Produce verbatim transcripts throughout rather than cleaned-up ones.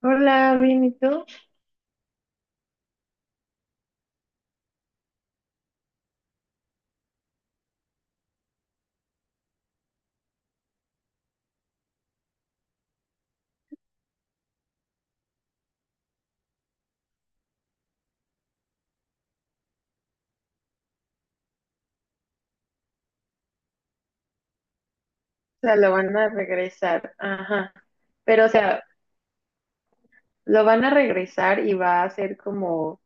Hola, bien, ¿y tú? O sea, lo van a regresar, ajá. Pero, o sea, ¿lo van a regresar y va a ser como,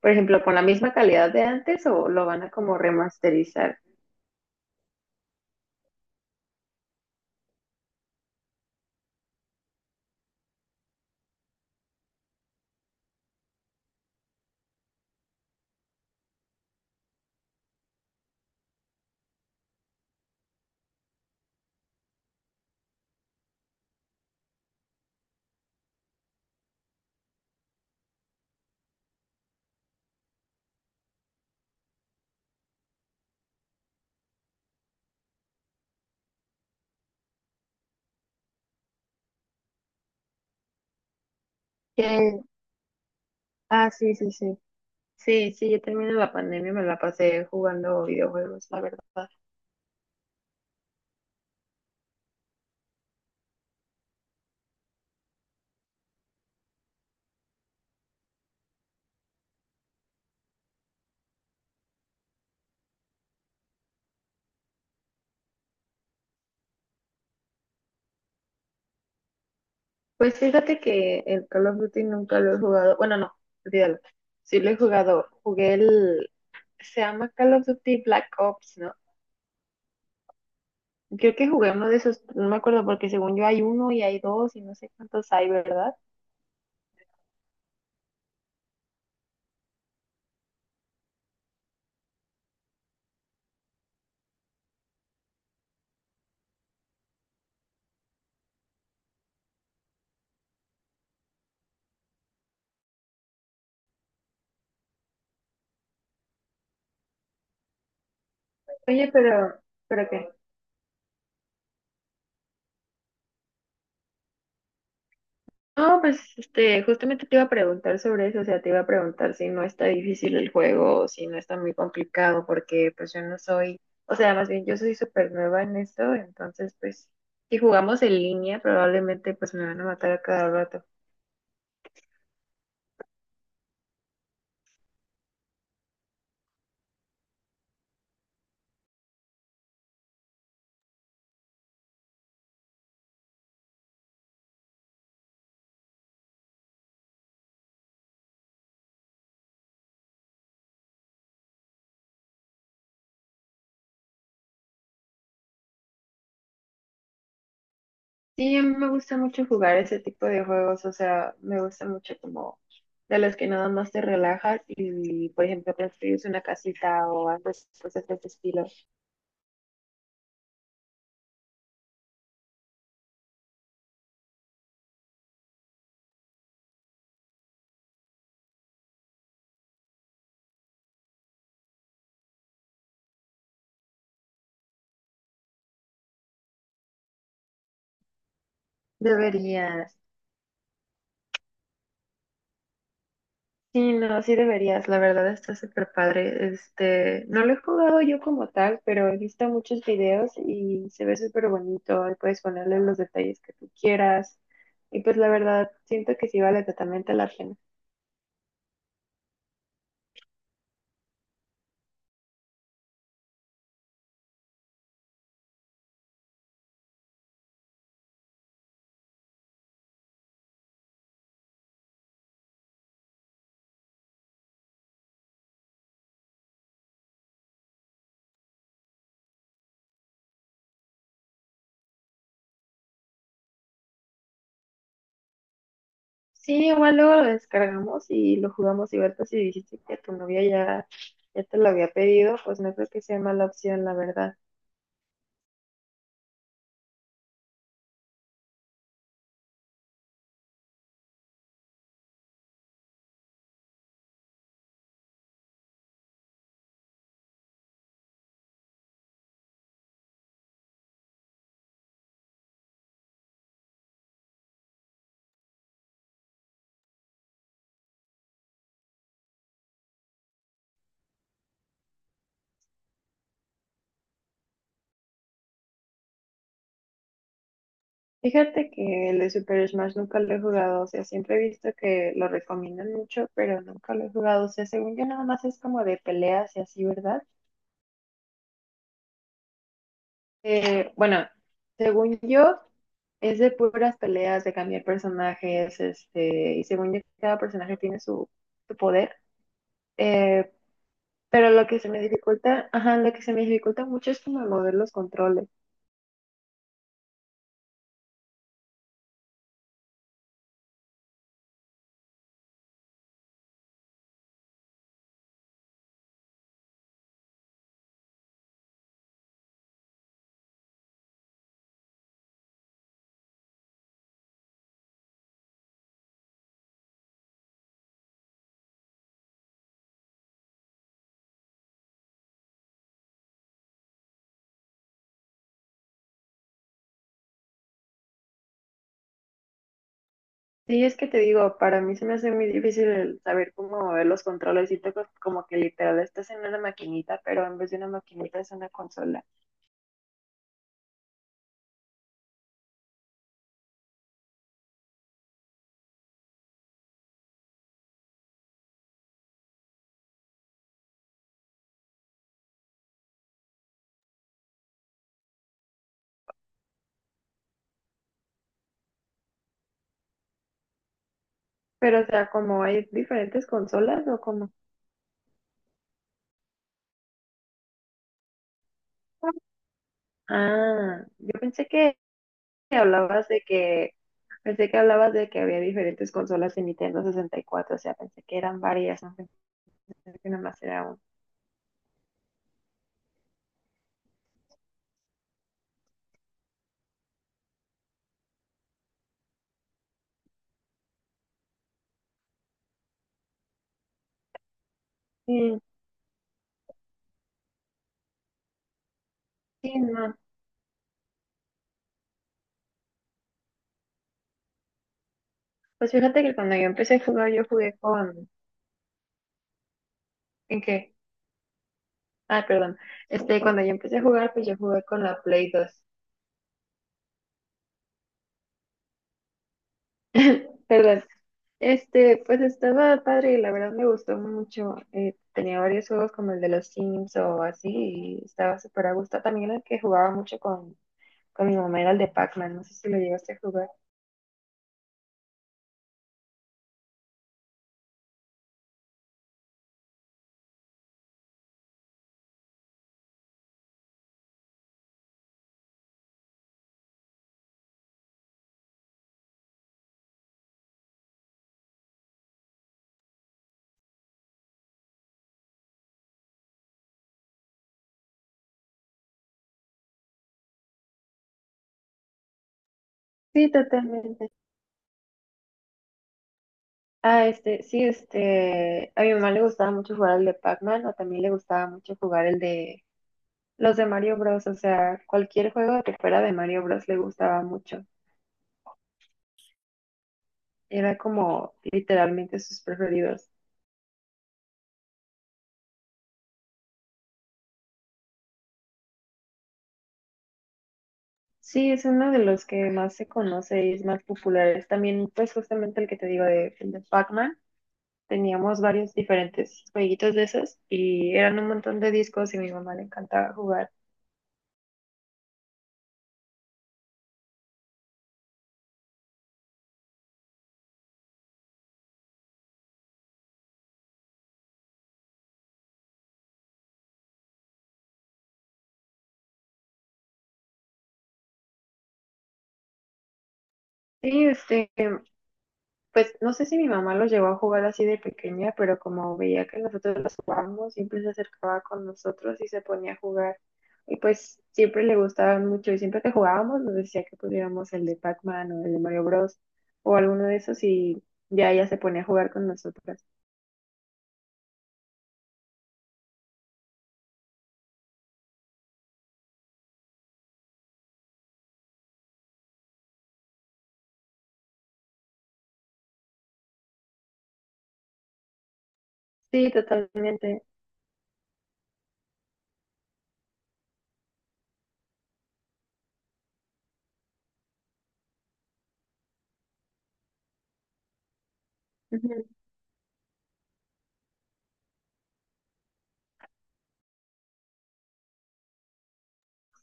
por ejemplo, con la misma calidad de antes o lo van a como remasterizar? Que- Ah, sí, sí, sí. Sí, sí, yo también en la pandemia me la pasé jugando videojuegos, la verdad. Pues fíjate que el Call of Duty nunca lo he jugado. Bueno, no, olvídalo. Sí lo he jugado. Jugué el, se llama Call of Duty Black Ops, ¿no? Creo que jugué uno de esos, no me acuerdo porque según yo hay uno y hay dos y no sé cuántos hay, ¿verdad? Oye, pero, ¿pero qué? No, pues este, justamente te iba a preguntar sobre eso, o sea, te iba a preguntar si no está difícil el juego, o si no está muy complicado, porque pues yo no soy, o sea, más bien yo soy súper nueva en esto, entonces pues si jugamos en línea probablemente pues me van a matar a cada rato. Sí, a mí me gusta mucho jugar ese tipo de juegos, o sea, me gusta mucho como de los que nada más te relajas y, por ejemplo, construyes una casita o haces cosas de ese estilo. Deberías. Sí, no, sí deberías, la verdad está súper padre. Este, no lo he jugado yo como tal, pero he visto muchos videos y se ve súper bonito y puedes ponerle los detalles que tú quieras. Y pues la verdad, siento que sí vale totalmente la pena. Sí, igual luego lo descargamos y lo jugamos y ahorita si dijiste que tu novia ya, ya te lo había pedido, pues no creo que sea mala opción, la verdad. Fíjate que el de Super Smash nunca lo he jugado, o sea, siempre he visto que lo recomiendan mucho, pero nunca lo he jugado, o sea, según yo nada más es como de peleas y así, ¿verdad? Eh, bueno, según yo es de puras peleas, de cambiar personajes, este, y según yo cada personaje tiene su, su poder. Eh, Pero lo que se me dificulta, ajá, lo que se me dificulta mucho es como mover los controles. Sí, es que te digo, para mí se me hace muy difícil el saber cómo mover los controles. Siento que como que literal estás en una maquinita, pero en vez de una maquinita es una consola. Pero o sea, como hay diferentes consolas o como... Ah, yo pensé que hablabas de que pensé que hablabas de que había diferentes consolas en Nintendo sesenta y cuatro, o sea, pensé que eran varias, no pensé que nomás era una. Sí, sí, no. Pues fíjate que cuando yo empecé a jugar, yo jugué con... ¿En qué? Ah, perdón. Este, cuando yo empecé a jugar, pues yo jugué con la Play dos. Perdón. Este, pues estaba padre, la verdad me gustó mucho. Eh, tenía varios juegos como el de los Sims o así, y estaba súper a gusto. También el que jugaba mucho con, con mi mamá era el de Pac-Man, no sé si lo llegaste a jugar. Sí, totalmente. Ah, este, sí, este, a mi mamá le gustaba mucho jugar el de Pac-Man o también le gustaba mucho jugar el de Los de Mario Bros, o sea, cualquier juego que fuera de Mario Bros le gustaba mucho. Era como literalmente sus preferidos. Sí, es uno de los que más se conoce y es más popular. Es también, pues justamente el que te digo de, el de Pac-Man. Teníamos varios diferentes jueguitos de esos y eran un montón de discos y a mi mamá le encantaba jugar. Sí, este, pues no sé si mi mamá los llevó a jugar así de pequeña, pero como veía que nosotros los jugábamos, siempre se acercaba con nosotros y se ponía a jugar. Y pues siempre le gustaban mucho y siempre que jugábamos nos decía que pudiéramos el de Pac-Man o el de Mario Bros. O alguno de esos y ya ella se ponía a jugar con nosotras. Sí, totalmente.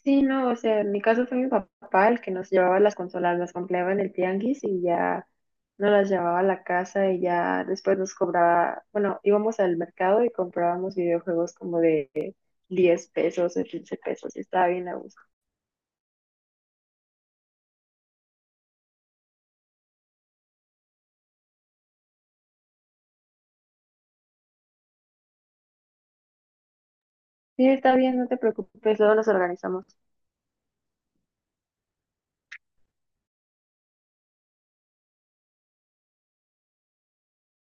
Sí, no, o sea, en mi caso fue mi papá el que nos llevaba las consolas, las compraba en el tianguis y ya nos las llevaba a la casa y ya después nos cobraba, bueno, íbamos al mercado y comprábamos videojuegos como de diez pesos o quince pesos y estaba bien a gusto. Sí, está bien, no te preocupes, luego nos organizamos.